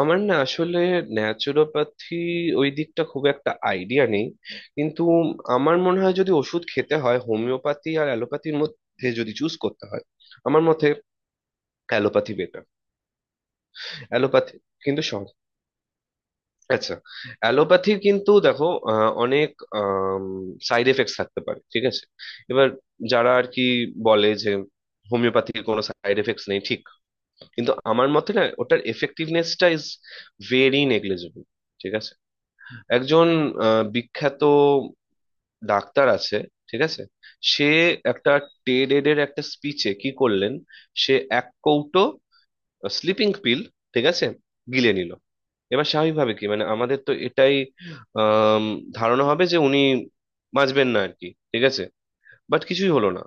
আমার না আসলে ন্যাচুরোপ্যাথি ওই দিকটা খুব একটা আইডিয়া নেই, কিন্তু আমার মনে হয় যদি ওষুধ খেতে হয়, হোমিওপ্যাথি আর অ্যালোপ্যাথির মধ্যে যদি চুজ করতে হয়, আমার মতে অ্যালোপ্যাথি বেটার। অ্যালোপ্যাথি কিন্তু সব। আচ্ছা, অ্যালোপ্যাথির কিন্তু দেখো, অনেক সাইড এফেক্টস থাকতে পারে, ঠিক আছে? এবার যারা আর কি বলে যে হোমিওপ্যাথির কোনো সাইড এফেক্টস নেই, ঠিক। কিন্তু আমার মতে না, ওটার এফেক্টিভনেসটা ইজ ভেরি নেগলিজেবল। ঠিক আছে, একজন বিখ্যাত ডাক্তার আছে, ঠিক আছে। সে একটা টেড এর একটা স্পিচে কি করলেন, সে এক কৌটো স্লিপিং পিল, ঠিক আছে, গিলে নিল। এবার স্বাভাবিকভাবে কি মানে আমাদের তো এটাই আম, ধারণা হবে যে উনি বাঁচবেন না আর কি, ঠিক আছে। বাট কিছুই হলো না।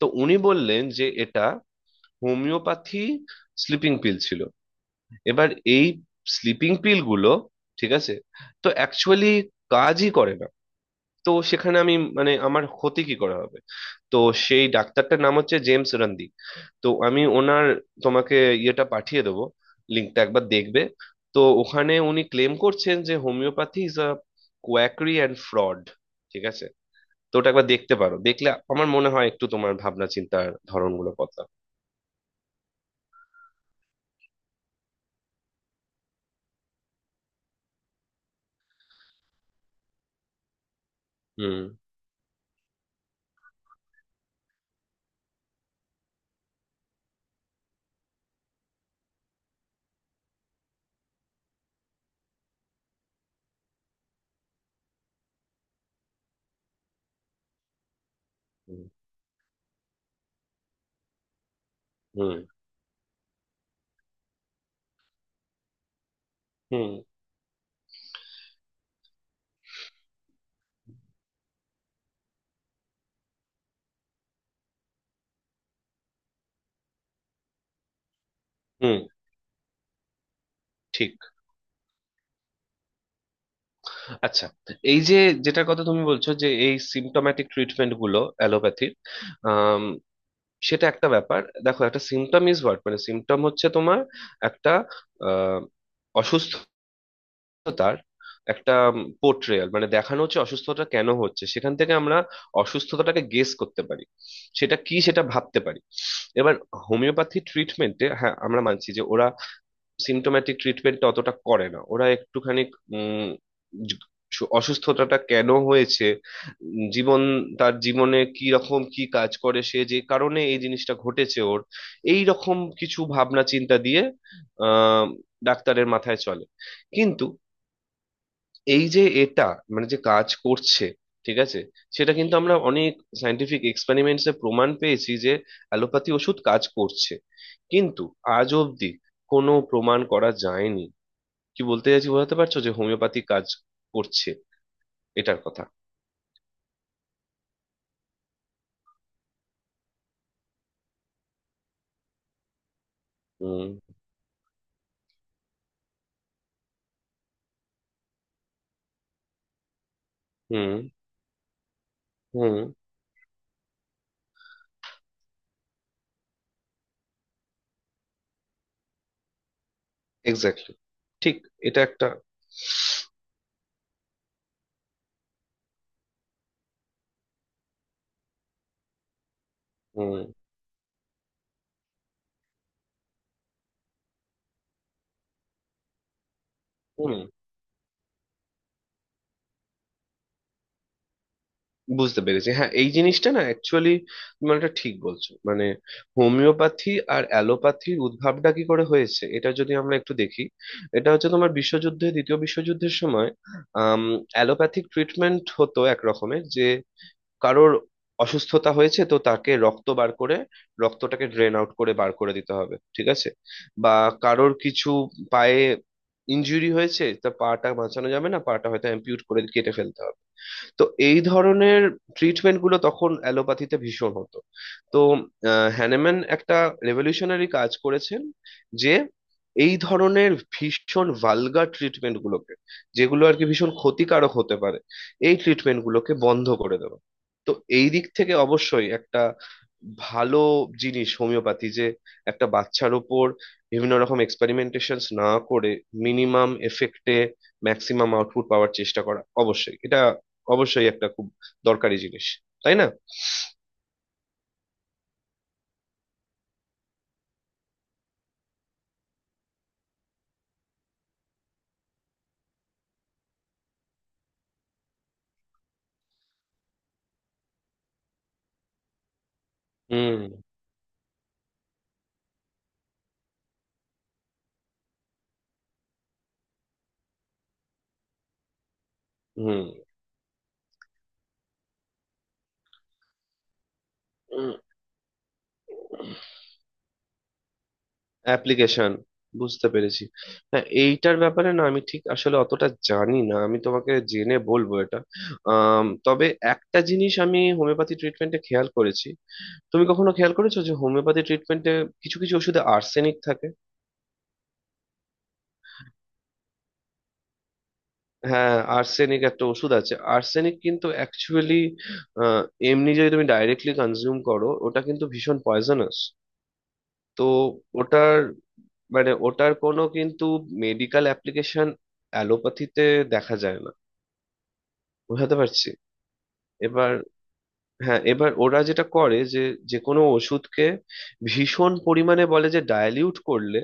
তো উনি বললেন যে এটা হোমিওপ্যাথি স্লিপিং পিল ছিল। এবার এই স্লিপিং পিল গুলো, ঠিক আছে, তো অ্যাকচুয়ালি কাজই করে না। তো সেখানে আমি মানে আমার ক্ষতি কি করা হবে। তো সেই ডাক্তারটার নাম হচ্ছে জেমস রান্দি। তো আমি ওনার তোমাকে ইয়েটা পাঠিয়ে দেবো, লিঙ্কটা একবার দেখবে। তো ওখানে উনি ক্লেম করছেন যে homeopathy is a quackery and fraud, ঠিক আছে। তো ওটা একবার দেখতে পারো, দেখলে আমার মনে হয় একটু তোমার ভাবনা চিন্তার ধরনগুলো বদলাবে। হুম, হুম, হুম, হুম, হুম। ঠিক, আচ্ছা, এই যে যেটার কথা তুমি বলছো যে এই সিমটোম্যাটিক ট্রিটমেন্ট গুলো অ্যালোপ্যাথির, সেটা একটা ব্যাপার। দেখো, একটা সিম্পটম ইজ হোয়াট, মানে সিম্পটম হচ্ছে তোমার একটা আহ, অসুস্থতার একটা পোর্ট্রেয়াল, মানে দেখানো হচ্ছে অসুস্থতা কেন হচ্ছে, সেখান থেকে আমরা অসুস্থতাটাকে গেস করতে পারি, সেটা কি সেটা ভাবতে পারি। এবার হোমিওপ্যাথি ট্রিটমেন্টে হ্যাঁ আমরা মানছি যে ওরা সিমটোম্যাটিক ট্রিটমেন্টটা অতটা করে না, ওরা একটুখানি উম, জ- অসুস্থতাটা কেন হয়েছে, জীবন, তার জীবনে কি রকম কি কাজ করে সে, যে কারণে এই জিনিসটা ঘটেছে ওর, এই রকম কিছু ভাবনা চিন্তা দিয়ে আহ ডাক্তারের মাথায় চলে। কিন্তু এই যে এটা মানে যে কাজ করছে, ঠিক আছে, সেটা কিন্তু আমরা অনেক সায়েন্টিফিক এক্সপেরিমেন্টসে প্রমাণ পেয়েছি যে অ্যালোপ্যাথি ওষুধ কাজ করছে। কিন্তু আজ অবধি কোনো প্রমাণ করা যায়নি, কি বলতে চাইছি বোঝাতে পারছো, যে হোমিওপ্যাথি কাজ করছে এটার কথা। হুম, হুম, হুম। এক্স্যাক্টলি। ঠিক, এটা একটা। হুম, হুম, বুঝতে পেরেছি। হ্যাঁ, এই জিনিসটা না অ্যাকচুয়ালি মানে এটা ঠিক বলছো মানে, হোমিওপ্যাথি আর অ্যালোপ্যাথির উদ্ভবটা কি করে হয়েছে এটা যদি আমরা একটু দেখি, এটা হচ্ছে তোমার বিশ্বযুদ্ধে দ্বিতীয় বিশ্বযুদ্ধের সময়, আম অ্যালোপ্যাথিক ট্রিটমেন্ট হতো এক রকমের, যে কারোর অসুস্থতা হয়েছে তো তাকে রক্ত বার করে, রক্তটাকে ড্রেন আউট করে বার করে দিতে হবে, ঠিক আছে। বা কারোর কিছু পায়ে ইনজুরি হয়েছে, তা পাটা বাঁচানো যাবে না, পাটা হয়তো অ্যাম্পিউট করে কেটে ফেলতে হবে। তো এই ধরনের ট্রিটমেন্ট গুলো তখন অ্যালোপ্যাথিতে ভীষণ হতো। তো হ্যানেম্যান একটা রেভলিউশনারি কাজ করেছেন, যে এই ধরনের ভীষণ ভালগার ট্রিটমেন্ট গুলোকে, যেগুলো আর কি ভীষণ ক্ষতিকারক হতে পারে, এই ট্রিটমেন্ট গুলোকে বন্ধ করে দেওয়া। তো এই দিক থেকে অবশ্যই একটা ভালো জিনিস হোমিওপ্যাথি, যে একটা বাচ্চার ওপর বিভিন্ন রকম এক্সপেরিমেন্টেশন না করে মিনিমাম এফেক্টে ম্যাক্সিমাম আউটপুট পাওয়ার চেষ্টা করা, অবশ্যই এটা অবশ্যই একটা খুব দরকারি জিনিস, তাই না? হুম, হুম। অ্যাপ্লিকেশন, বুঝতে পেরেছি। হ্যাঁ, এইটার ব্যাপারে না আমি ঠিক আসলে অতটা জানি না, আমি তোমাকে জেনে বলবো এটা। তবে একটা জিনিস আমি হোমিওপ্যাথি ট্রিটমেন্টে খেয়াল করেছি, তুমি কখনো খেয়াল করেছো যে হোমিওপ্যাথি ট্রিটমেন্টে কিছু কিছু ওষুধে আর্সেনিক থাকে? হ্যাঁ, আর্সেনিক একটা ওষুধ আছে, আর্সেনিক কিন্তু অ্যাকচুয়ালি এমনি যদি তুমি ডাইরেক্টলি কনজিউম করো, ওটা কিন্তু ভীষণ পয়জনাস। তো ওটার মানে ওটার কোনো কিন্তু মেডিকেল অ্যাপ্লিকেশন অ্যালোপ্যাথিতে দেখা যায় না, বুঝাতে পারছি। এবার হ্যাঁ, এবার ওরা যেটা করে যে যে কোনো ওষুধকে ভীষণ পরিমাণে বলে যে ডাইলিউট করলে,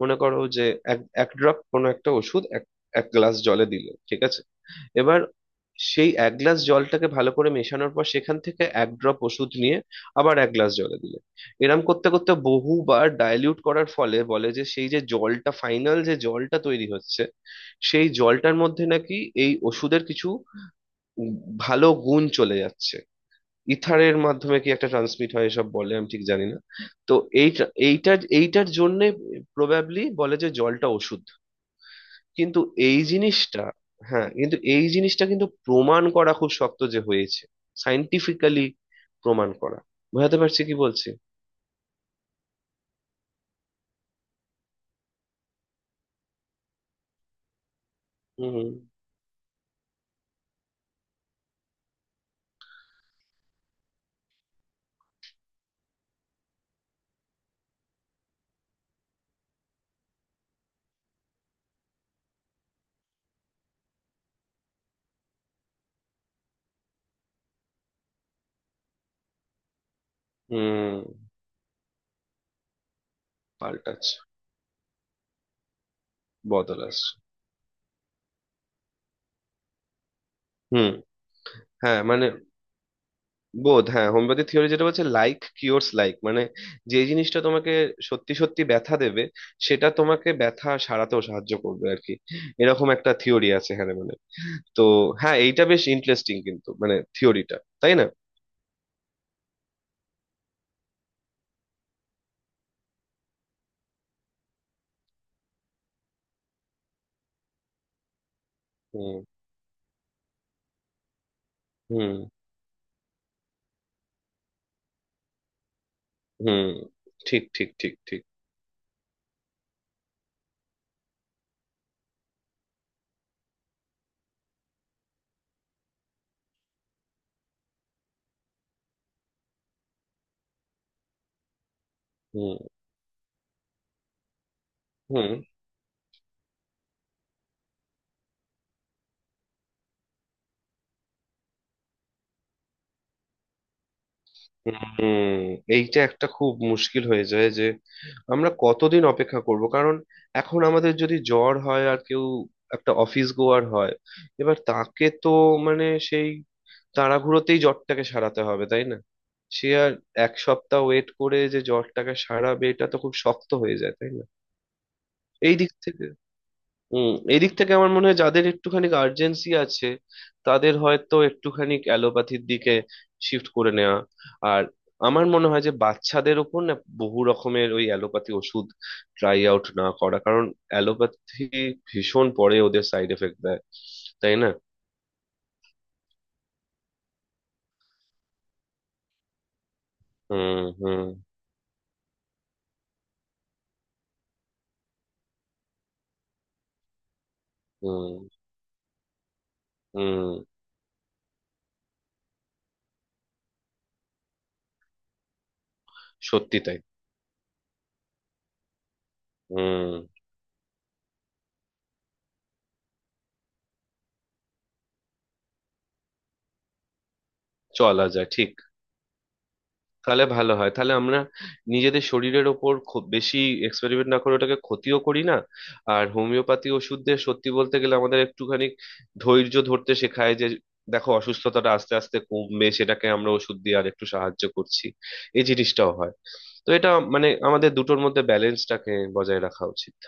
মনে করো যে এক এক ড্রপ কোনো একটা ওষুধ এক এক গ্লাস জলে দিলে, ঠিক আছে। এবার সেই এক গ্লাস জলটাকে ভালো করে মেশানোর পর সেখান থেকে এক ড্রপ ওষুধ নিয়ে আবার এক গ্লাস জলে দিলে, এরম করতে করতে বহুবার ডাইলিউট করার ফলে বলে যে সেই যে জলটা ফাইনাল যে জলটা তৈরি হচ্ছে, সেই জলটার মধ্যে নাকি এই ওষুধের কিছু ভালো গুণ চলে যাচ্ছে। ইথারের মাধ্যমে কি একটা ট্রান্সমিট হয় এসব বলে, আমি ঠিক জানি না। তো এই এইটার এইটার জন্যে প্রবাবলি বলে যে জলটা ওষুধ। কিন্তু এই জিনিসটা, হ্যাঁ কিন্তু এই জিনিসটা কিন্তু প্রমাণ করা খুব শক্ত যে হয়েছে, সাইন্টিফিক্যালি প্রমাণ করা, বুঝাতে পারছি কি বলছি। হুম, হুম। পাল্টাচ্ছে, বদল আসছে। হুম। হ্যাঁ মানে বোধ, হ্যাঁ হোমিওপ্যাথি থিওরি যেটা বলছে, লাইক কিওরস লাইক, মানে যে জিনিসটা তোমাকে সত্যি সত্যি ব্যথা দেবে, সেটা তোমাকে ব্যথা সারাতেও সাহায্য করবে আর কি। এরকম একটা থিওরি আছে এখানে মানে। তো হ্যাঁ, এইটা বেশ ইন্টারেস্টিং কিন্তু মানে থিওরিটা, তাই না? হুম, হুম, হুম। ঠিক, ঠিক, ঠিক, ঠিক। হুম, হুম, হুম। এইটা একটা খুব মুশকিল হয়ে যায় যে আমরা কতদিন অপেক্ষা করব, কারণ এখন আমাদের যদি জ্বর হয় আর কেউ একটা অফিস গোয়ার হয়, এবার তাকে তো মানে সেই তাড়াহুড়োতেই জ্বরটাকে সারাতে হবে, তাই না? সে আর এক সপ্তাহ ওয়েট করে যে জ্বরটাকে সারাবে, এটা তো খুব শক্ত হয়ে যায়, তাই না? এই দিক থেকে, হুম, এদিক থেকে আমার মনে হয় যাদের একটুখানি আর্জেন্সি আছে, তাদের হয়তো একটুখানি অ্যালোপ্যাথির দিকে শিফট করে নেওয়া। আর আমার মনে হয় যে বাচ্চাদের ওপর না বহু রকমের ওই অ্যালোপ্যাথি ওষুধ ট্রাই আউট না করা, কারণ অ্যালোপ্যাথি ভীষণ পরে ওদের সাইড এফেক্ট দেয়, তাই না? হুম, হুম, হুম, হুম। সত্যি তাই। হুম, চলা যায়, ঠিক। তাহলে ভালো হয়, তাহলে আমরা নিজেদের শরীরের ওপর খুব বেশি এক্সপেরিমেন্ট না করে ওটাকে ক্ষতিও করি না। আর হোমিওপ্যাথি ওষুধদের সত্যি বলতে গেলে আমাদের একটুখানি ধৈর্য ধরতে শেখায়, যে দেখো অসুস্থতাটা আস্তে আস্তে কমবে, সেটাকে আমরা ওষুধ দিয়ে আর একটু সাহায্য করছি, এই জিনিসটাও হয়। তো এটা মানে আমাদের দুটোর মধ্যে ব্যালেন্সটাকে বজায় রাখা উচিত।